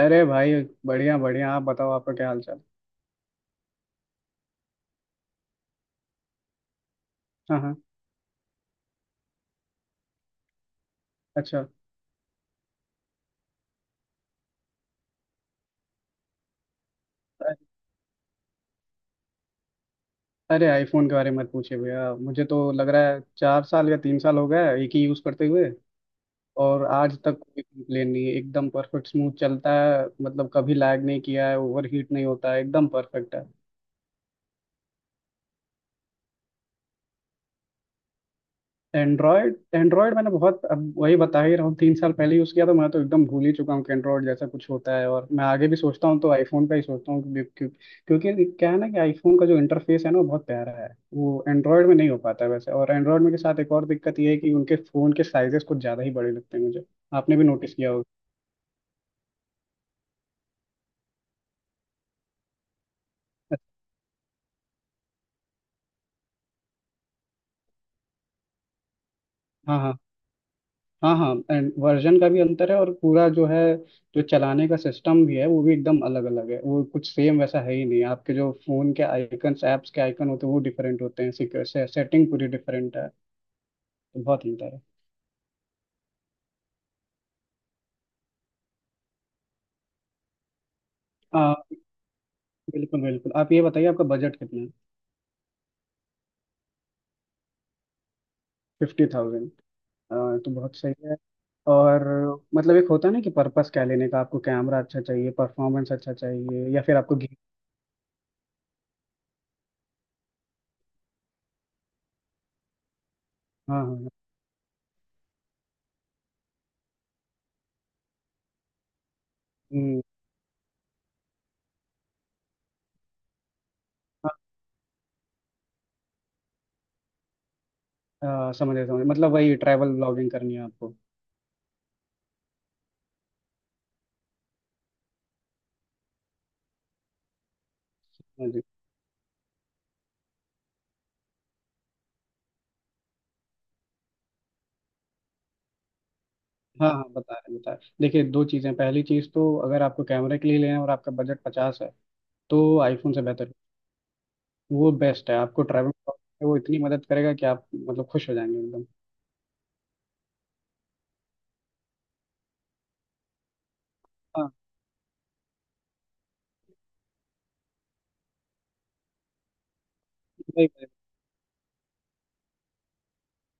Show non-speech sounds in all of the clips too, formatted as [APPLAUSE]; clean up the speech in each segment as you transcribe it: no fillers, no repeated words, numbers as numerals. अरे भाई, बढ़िया बढ़िया। आप बताओ, आपका क्या हाल चाल। हाँ हाँ। अच्छा। अ- अरे आईफोन के बारे में मत पूछिए भैया। मुझे तो लग रहा है 4 साल या 3 साल हो गया है एक ही यूज़ करते हुए, और आज तक कोई कंप्लेन नहीं है। एकदम परफेक्ट स्मूथ चलता है, मतलब कभी लैग नहीं किया है, ओवर हीट नहीं होता है, एकदम परफेक्ट है। एंड्रॉयड एंड्रॉयड मैंने बहुत, अब वही बता ही रहा हूँ, 3 साल पहले यूज़ किया था। मैं तो एकदम भूल ही चुका हूँ कि एंड्रॉयड जैसा कुछ होता है। और मैं आगे भी सोचता हूँ तो आईफोन का ही सोचता हूँ। क्यों- क्यों- क्योंकि क्या है ना कि आईफोन का जो इंटरफेस है ना, वो बहुत प्यारा है। वो एंड्रॉयड में नहीं हो पाता है वैसे। और एंड्रॉयड में के साथ एक और दिक्कत ये है कि उनके फ़ोन के साइजेस कुछ ज़्यादा ही बड़े लगते हैं मुझे। आपने भी नोटिस किया होगा। हाँ हाँ। हाँ हाँ एंड वर्जन का भी अंतर है, और पूरा जो है, जो चलाने का सिस्टम भी है वो भी एकदम अलग अलग है। वो कुछ सेम वैसा है ही नहीं। आपके जो फोन के आइकन्स, ऐप्स के आइकन होते हैं वो डिफरेंट होते हैं सिक्योर से, सेटिंग पूरी डिफरेंट है। तो बहुत अंतर है। आ, बिल्कुल बिल्कुल। आप ये बताइए, आपका बजट कितना है। 50,000 तो बहुत सही है। और मतलब एक होता है ना कि पर्पस क्या लेने का। आपको कैमरा अच्छा चाहिए, परफॉर्मेंस अच्छा चाहिए, या फिर आपको हाँ हाँ हाँ। हम्म, हाँ, हाँ, समझ गया समझ गया। मतलब वही ट्रैवल ब्लॉगिंग करनी है आपको। हाँ हाँ, बता रहे बता रहे। देखिए दो चीज़ें, पहली चीज़ तो अगर आपको कैमरे के लिए लेना है और आपका बजट पचास है, तो आईफोन से बेहतर वो बेस्ट है आपको। ट्रैवल, वो इतनी मदद करेगा कि आप मतलब खुश हो जाएंगे एकदम। हाँ वही।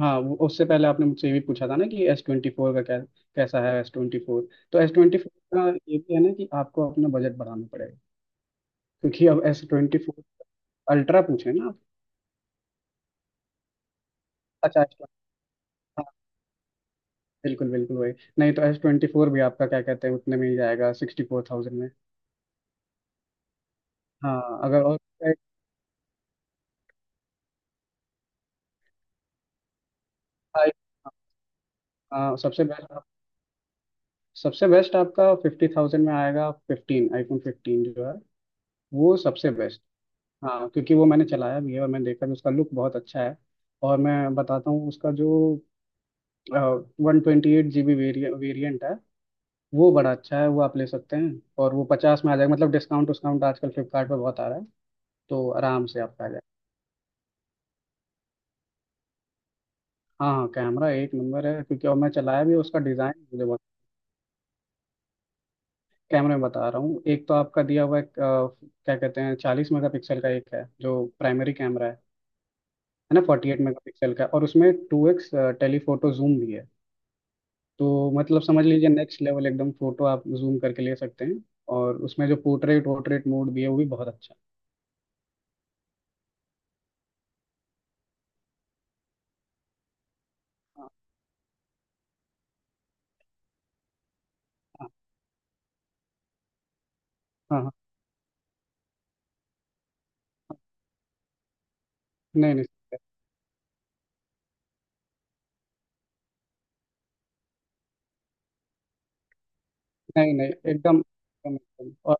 हाँ वो उससे पहले आपने मुझसे ये भी पूछा था ना कि S24 का क्या, कैसा है S24। तो S24 का ये भी है ना कि आपको अपना बजट बढ़ाना पड़ेगा, क्योंकि अब S24 अल्ट्रा पूछे ना आप? अच्छा एस, हाँ, बिल्कुल बिल्कुल वही। नहीं तो S24 भी आपका क्या कहते हैं उतने में ही जाएगा, 64,000 में। हाँ अगर और आई- सबसे बेस्ट, सबसे बेस्ट आपका 50,000 में आएगा 15। iPhone 15 जो है, वो सबसे बेस्ट। हाँ क्योंकि वो मैंने चलाया भी है और मैंने देखा भी, उसका लुक बहुत अच्छा है। और मैं बताता हूँ उसका जो 128 GB वेरियंट है, वो बड़ा अच्छा है, वो आप ले सकते हैं। और वो 50 में आ जाएगा, मतलब डिस्काउंट डिस्काउंट आजकल फ्लिपकार्ट पे बहुत आ रहा है, तो आराम से आपका आ जाएगा। हाँ हाँ कैमरा एक नंबर है, क्योंकि और मैं चलाया भी उसका, डिज़ाइन मुझे बहुत। कैमरे में बता रहा हूँ, एक तो आपका दिया हुआ है क्या कहते हैं 40 मेगापिक्सल का एक है जो प्राइमरी कैमरा है ना, 48 मेगापिक्सल का। और उसमें 2x टेलीफोटो जूम भी है। तो मतलब समझ लीजिए नेक्स्ट लेवल, एकदम फोटो आप जूम करके ले सकते हैं। और उसमें जो पोर्ट्रेट वोर्ट्रेट मोड भी है वो भी बहुत अच्छा है। हाँ हाँ हाँ, हाँ। नहीं नहीं। नहीं नहीं एकदम एकदम एकदम।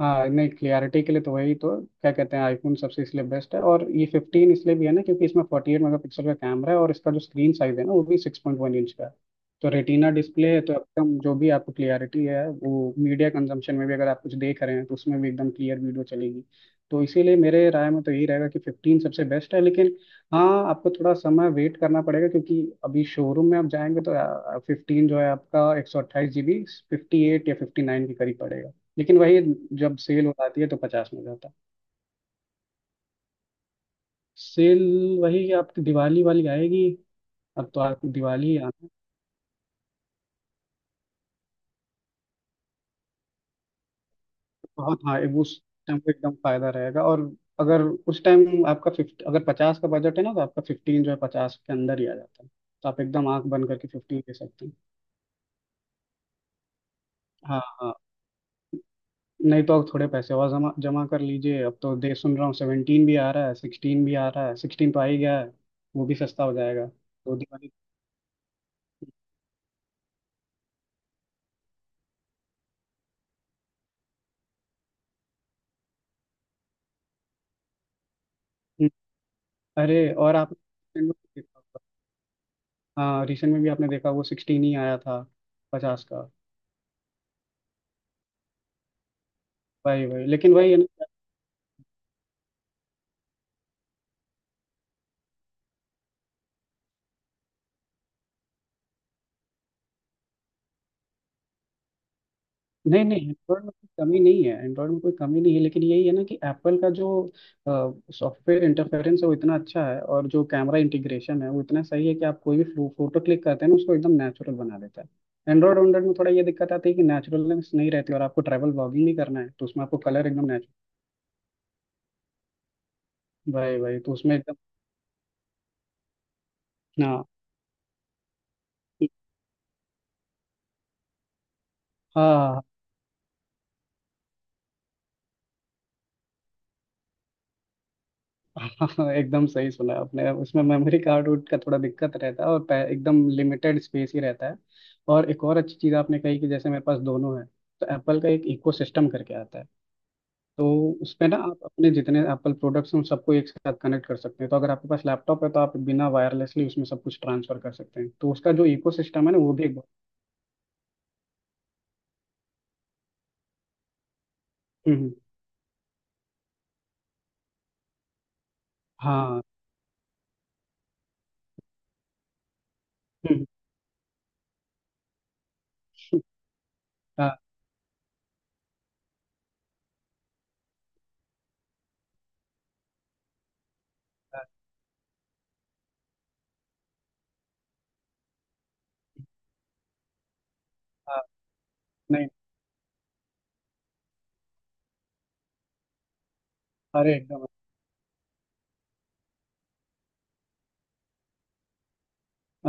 हाँ नहीं, क्लियरिटी के लिए तो वही तो, क्या कहते हैं, आईफोन सबसे इसलिए बेस्ट है। और ये 15 इसलिए भी है ना, क्योंकि इसमें 48 मेगापिक्सल का कैमरा है, और इसका जो स्क्रीन साइज है ना वो भी 6.1 इंच का है। तो रेटिना डिस्प्ले है, तो एकदम जो भी आपको क्लियरिटी है, वो मीडिया कंजम्पशन में भी अगर आप कुछ देख रहे हैं तो उसमें भी एकदम क्लियर वीडियो चलेगी। तो इसीलिए मेरे राय में तो यही रहेगा कि 15 सबसे बेस्ट है। लेकिन हाँ आपको थोड़ा समय वेट करना पड़ेगा, क्योंकि अभी शोरूम में आप जाएंगे तो 15 जो है आपका 128 GB, 58 या 59 के करीब पड़ेगा। लेकिन वही, जब सेल हो जाती है तो 50 में हो जाता है। सेल वही आपकी दिवाली वाली आएगी। अब तो आपकी दिवाली आना है। तो बहुत हाँ, वो उस टाइम पे एकदम फायदा रहेगा। और अगर उस टाइम आपका फिफ्टी, अगर 50 का बजट है ना, तो आपका 15 जो है 50 के अंदर ही आ जाता है, तो आप एकदम आंख बंद करके 15 दे सकते हैं। हाँ हाँ। नहीं तो आप थोड़े पैसे और जमा जमा कर लीजिए। अब तो दे सुन रहा हूँ 17 भी आ रहा है, 16 भी आ रहा है, सिक्सटीन तो आ ही गया है, वो भी सस्ता हो जाएगा तो दिवाली। हम्म, अरे और आप, हाँ रिसेंट में भी आपने देखा वो 16 ही आया था। पचास का, वही वही, लेकिन वही है ना। नहीं नहीं, एंड्रॉयड में कोई कमी नहीं है, एंड्रॉयड में कोई कमी नहीं है। लेकिन यही है ना कि एप्पल का जो सॉफ्टवेयर इंटरफेरेंस है वो इतना अच्छा है, और जो कैमरा इंटीग्रेशन है वो इतना सही है कि आप कोई भी फोटो क्लिक करते हैं ना, उसको एकदम नेचुरल बना देता है। एंड्रॉयड एंड्रॉयड में थोड़ा ये दिक्कत आती है कि नेचुरलनेस नहीं रहती। और आपको ट्रैवल ब्लॉगिंग नहीं करना है तो उसमें आपको कलर एकदम नेचुरल, वही वही तो उसमें एकदम। हाँ हाँ। [LAUGHS] हाँ एकदम सही सुना आपने। उसमें मेमोरी कार्ड उड का थोड़ा दिक्कत रहता है, और एकदम लिमिटेड स्पेस ही रहता है। और एक और अच्छी चीज़ आपने कही कि जैसे मेरे पास दोनों है, तो एप्पल का एक इको सिस्टम करके आता है। तो उसमें ना आप अपने जितने एप्पल प्रोडक्ट्स हैं उन सबको एक साथ कनेक्ट कर सकते हैं। तो अगर आपके पास लैपटॉप है तो आप बिना वायरलेसली उसमें सब कुछ ट्रांसफर कर सकते हैं। तो उसका जो इको सिस्टम है ना वो भी एक हम्म हम्म, हाँ। हम्म, हाँ हाँ हाँ, नहीं। अरे एकदम।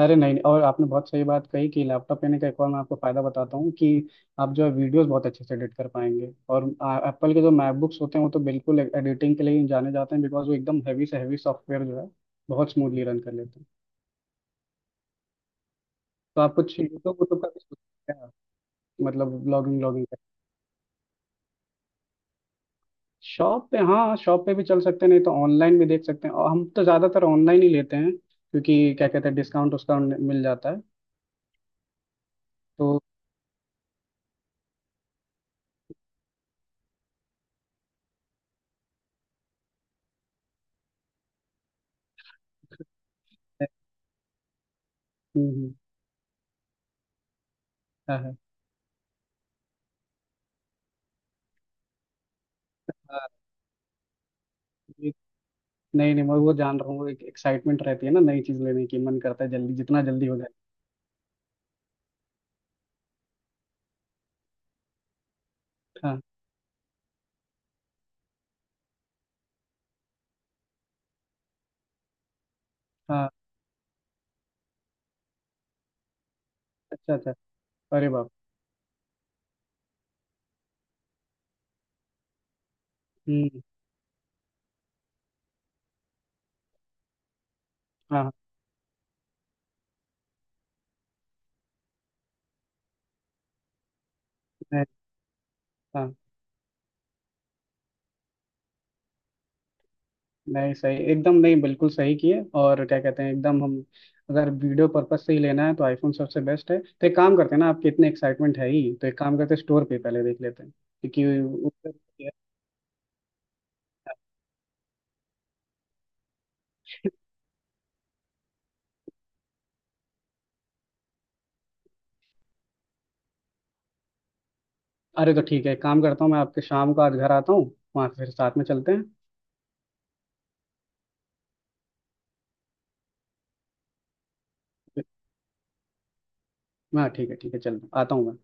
अरे नहीं, और आपने बहुत सही बात कही कि लैपटॉप लेने का एक और मैं आपको फ़ायदा बताता हूँ कि आप जो है वीडियोस बहुत अच्छे से एडिट कर पाएंगे। और एप्पल के जो मैकबुक्स होते हैं वो तो बिल्कुल एडिटिंग के लिए ही जाने जाते हैं, बिकॉज वो एकदम हैवी से हैवी सॉफ्टवेयर जो है बहुत स्मूथली रन कर लेते हैं। तो आप कुछ यूट्यूब वूट्यूब का भी सोच सकते हैं, मतलब ब्लॉगिंग व्लॉगिंग का। शॉप पे, हाँ शॉप पे भी चल सकते हैं, नहीं तो ऑनलाइन भी देख सकते हैं। और हम तो ज़्यादातर ऑनलाइन ही लेते हैं क्योंकि क्या कहते हैं डिस्काउंट उस्काउंट मिल जाता है। तो [LAUGHS] हम्म, हम्म, हाँ, हाँ। नहीं नहीं, मैं वो जान रहा हूँ, एक एक्साइटमेंट रहती है ना नई चीज लेने की, मन करता है जल्दी जितना जल्दी हो जाए। हाँ हाँ। अच्छा अच्छा। अरे बाप। हम्म हाँ हाँ। नहीं हाँ, नहीं सही एकदम, नहीं बिल्कुल सही किए। और क्या कहते हैं एकदम हम अगर वीडियो पर्पज से ही लेना है तो आईफोन सबसे बेस्ट है। तो एक काम करते हैं ना, आपके इतने एक्साइटमेंट है ही, तो एक काम करते हैं स्टोर पे पहले देख लेते हैं, क्योंकि अरे तो ठीक है, एक काम करता हूँ मैं आपके शाम को आज घर आता हूँ, वहाँ फिर साथ में चलते हैं। हाँ ठीक है ठीक है, चल आता हूँ मैं।